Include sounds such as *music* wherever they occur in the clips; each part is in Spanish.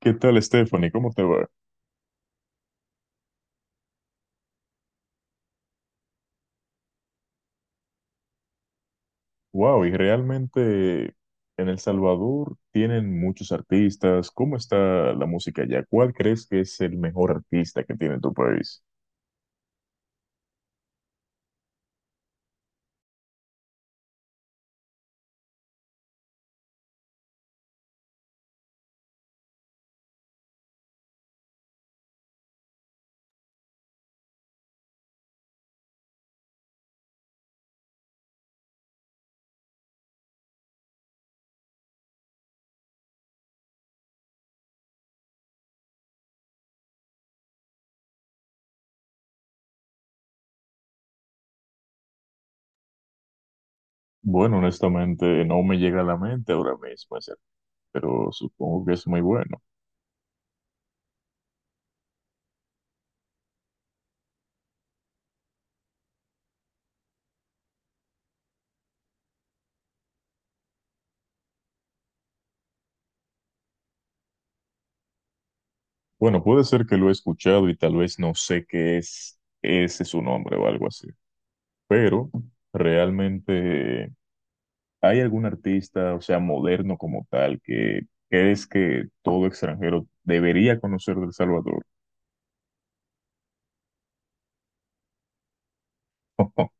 ¿Qué tal, Stephanie? ¿Cómo te va? Wow, y realmente en El Salvador tienen muchos artistas. ¿Cómo está la música allá? ¿Cuál crees que es el mejor artista que tiene tu país? Bueno, honestamente no me llega a la mente ahora mismo, ese, pero supongo que es muy bueno. Bueno, puede ser que lo he escuchado y tal vez no sé qué es ese su nombre o algo así, pero realmente, ¿hay algún artista, o sea, moderno como tal, que crees que todo extranjero debería conocer de El Salvador? *laughs*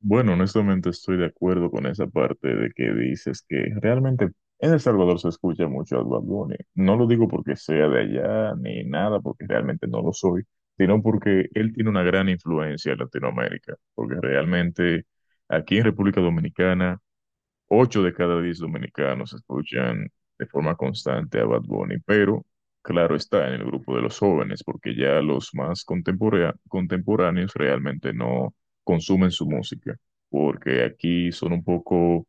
Bueno, honestamente estoy de acuerdo con esa parte de que dices que realmente en El Salvador se escucha mucho a Bad Bunny. No lo digo porque sea de allá ni nada, porque realmente no lo soy, sino porque él tiene una gran influencia en Latinoamérica, porque realmente aquí en República Dominicana 8 de cada 10 dominicanos escuchan de forma constante a Bad Bunny, pero claro está en el grupo de los jóvenes, porque ya los más contemporáneos realmente no consumen su música, porque aquí son un poco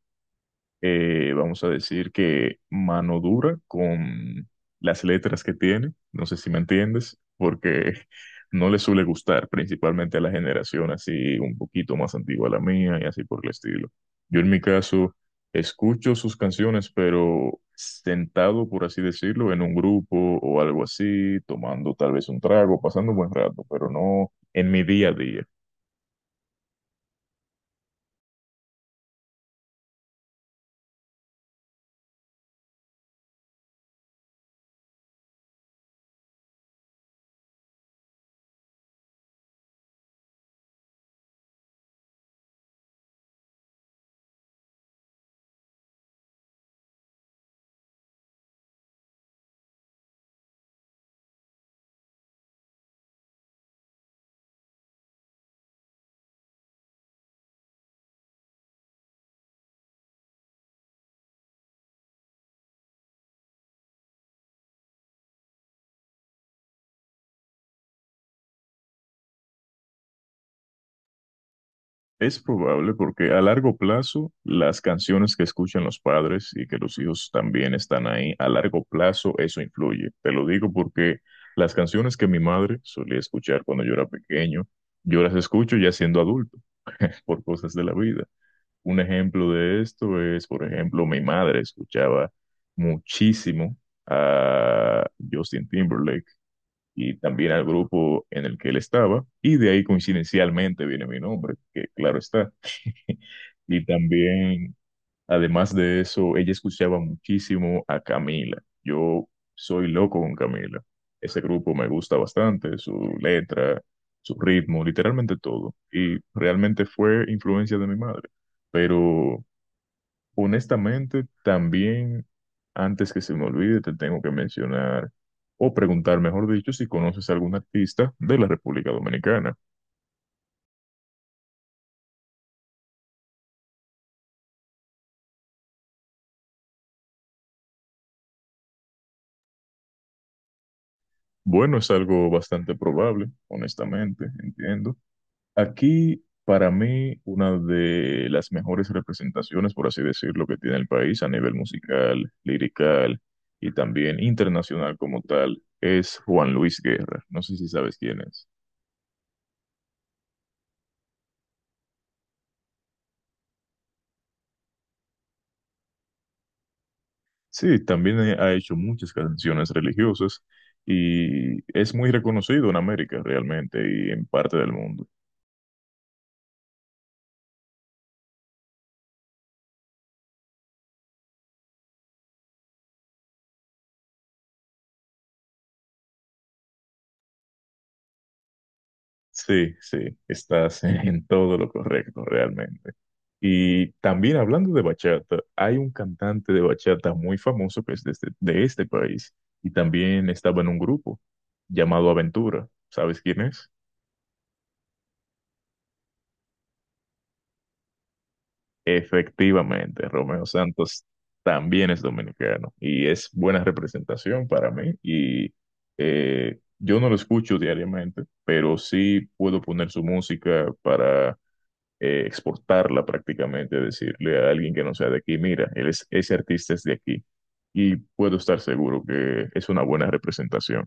vamos a decir que mano dura con las letras que tiene, no sé si me entiendes, porque *laughs* no le suele gustar principalmente a la generación así un poquito más antigua a la mía y así por el estilo. Yo en mi caso escucho sus canciones, pero sentado, por así decirlo, en un grupo o algo así, tomando tal vez un trago, pasando un buen rato, pero no en mi día a día. Es probable porque a largo plazo las canciones que escuchan los padres y que los hijos también están ahí, a largo plazo eso influye. Te lo digo porque las canciones que mi madre solía escuchar cuando yo era pequeño, yo las escucho ya siendo adulto por cosas de la vida. Un ejemplo de esto es, por ejemplo, mi madre escuchaba muchísimo a Justin Timberlake y también al grupo en el que él estaba y de ahí coincidencialmente viene mi nombre, que claro está. *laughs* Y también, además de eso, ella escuchaba muchísimo a Camila. Yo soy loco con Camila. Ese grupo me gusta bastante, su letra, su ritmo, literalmente todo. Y realmente fue influencia de mi madre. Pero honestamente, también, antes que se me olvide, te tengo que mencionar o preguntar, mejor dicho, si conoces a algún artista de la República Dominicana. Bueno, es algo bastante probable, honestamente, entiendo. Aquí, para mí, una de las mejores representaciones, por así decirlo, que tiene el país a nivel musical, lirical y también internacional como tal, es Juan Luis Guerra. No sé si sabes quién es. Sí, también ha hecho muchas canciones religiosas y es muy reconocido en América realmente y en parte del mundo. Sí, sí, estás *laughs* en todo lo correcto realmente. Y también hablando de bachata, hay un cantante de bachata muy famoso que es de este país y también estaba en un grupo llamado Aventura. ¿Sabes quién es? Efectivamente, Romeo Santos también es dominicano y es buena representación para mí y yo no lo escucho diariamente, pero sí puedo poner su música para exportarla prácticamente, decirle a alguien que no sea de aquí, mira, él es, ese artista es de aquí. Y puedo estar seguro que es una buena representación.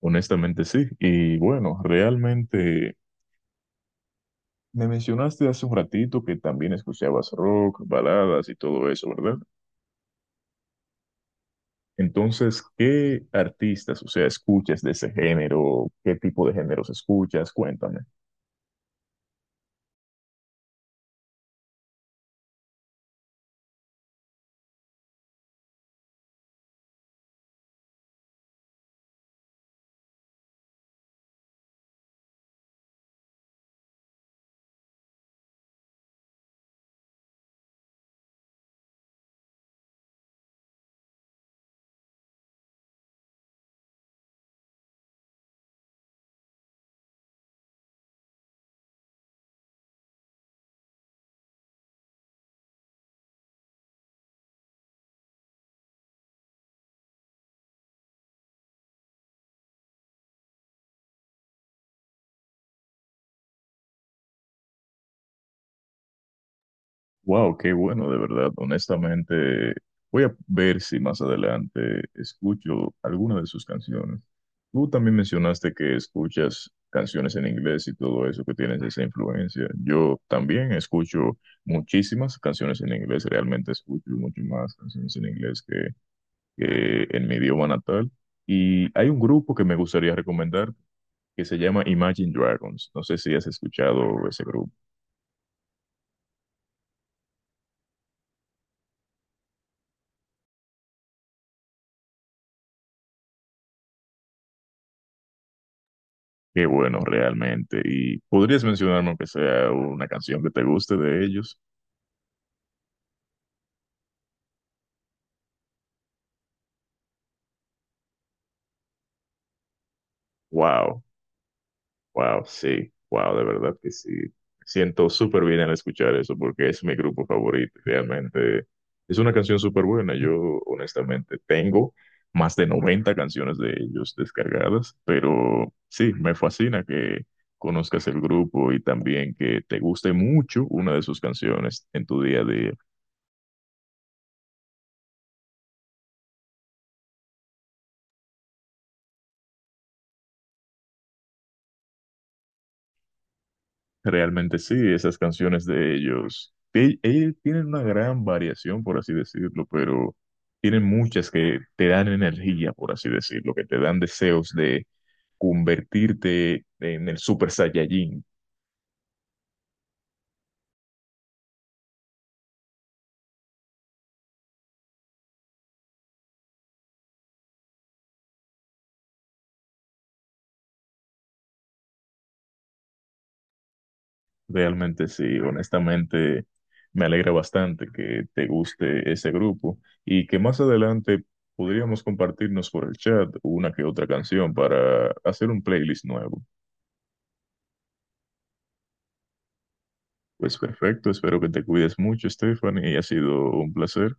Honestamente sí. Y bueno, realmente me mencionaste hace un ratito que también escuchabas rock, baladas y todo eso, ¿verdad? Entonces, ¿qué artistas, o sea, escuchas de ese género? ¿Qué tipo de géneros escuchas? Cuéntame. Wow, qué bueno, de verdad. Honestamente, voy a ver si más adelante escucho alguna de sus canciones. Tú también mencionaste que escuchas canciones en inglés y todo eso, que tienes esa influencia. Yo también escucho muchísimas canciones en inglés, realmente escucho mucho más canciones en inglés que en mi idioma natal. Y hay un grupo que me gustaría recomendar que se llama Imagine Dragons. No sé si has escuchado ese grupo. Qué bueno, realmente. ¿Y podrías mencionarme aunque sea una canción que te guste de ellos? Wow, wow, sí, wow, de verdad que sí. Me siento súper bien al escuchar eso porque es mi grupo favorito. Realmente es una canción súper buena. Yo, honestamente, tengo más de 90 canciones de ellos descargadas, pero sí, me fascina que conozcas el grupo y también que te guste mucho una de sus canciones en tu día a día. Realmente sí, esas canciones de ellos, que ellos tienen una gran variación, por así decirlo, pero tienen muchas que te dan energía, por así decirlo, que te dan deseos de convertirte en el Super Saiyajin. Realmente sí, honestamente me alegra bastante que te guste ese grupo y que más adelante podríamos compartirnos por el chat una que otra canción para hacer un playlist nuevo. Pues perfecto, espero que te cuides mucho, Stephanie, y ha sido un placer.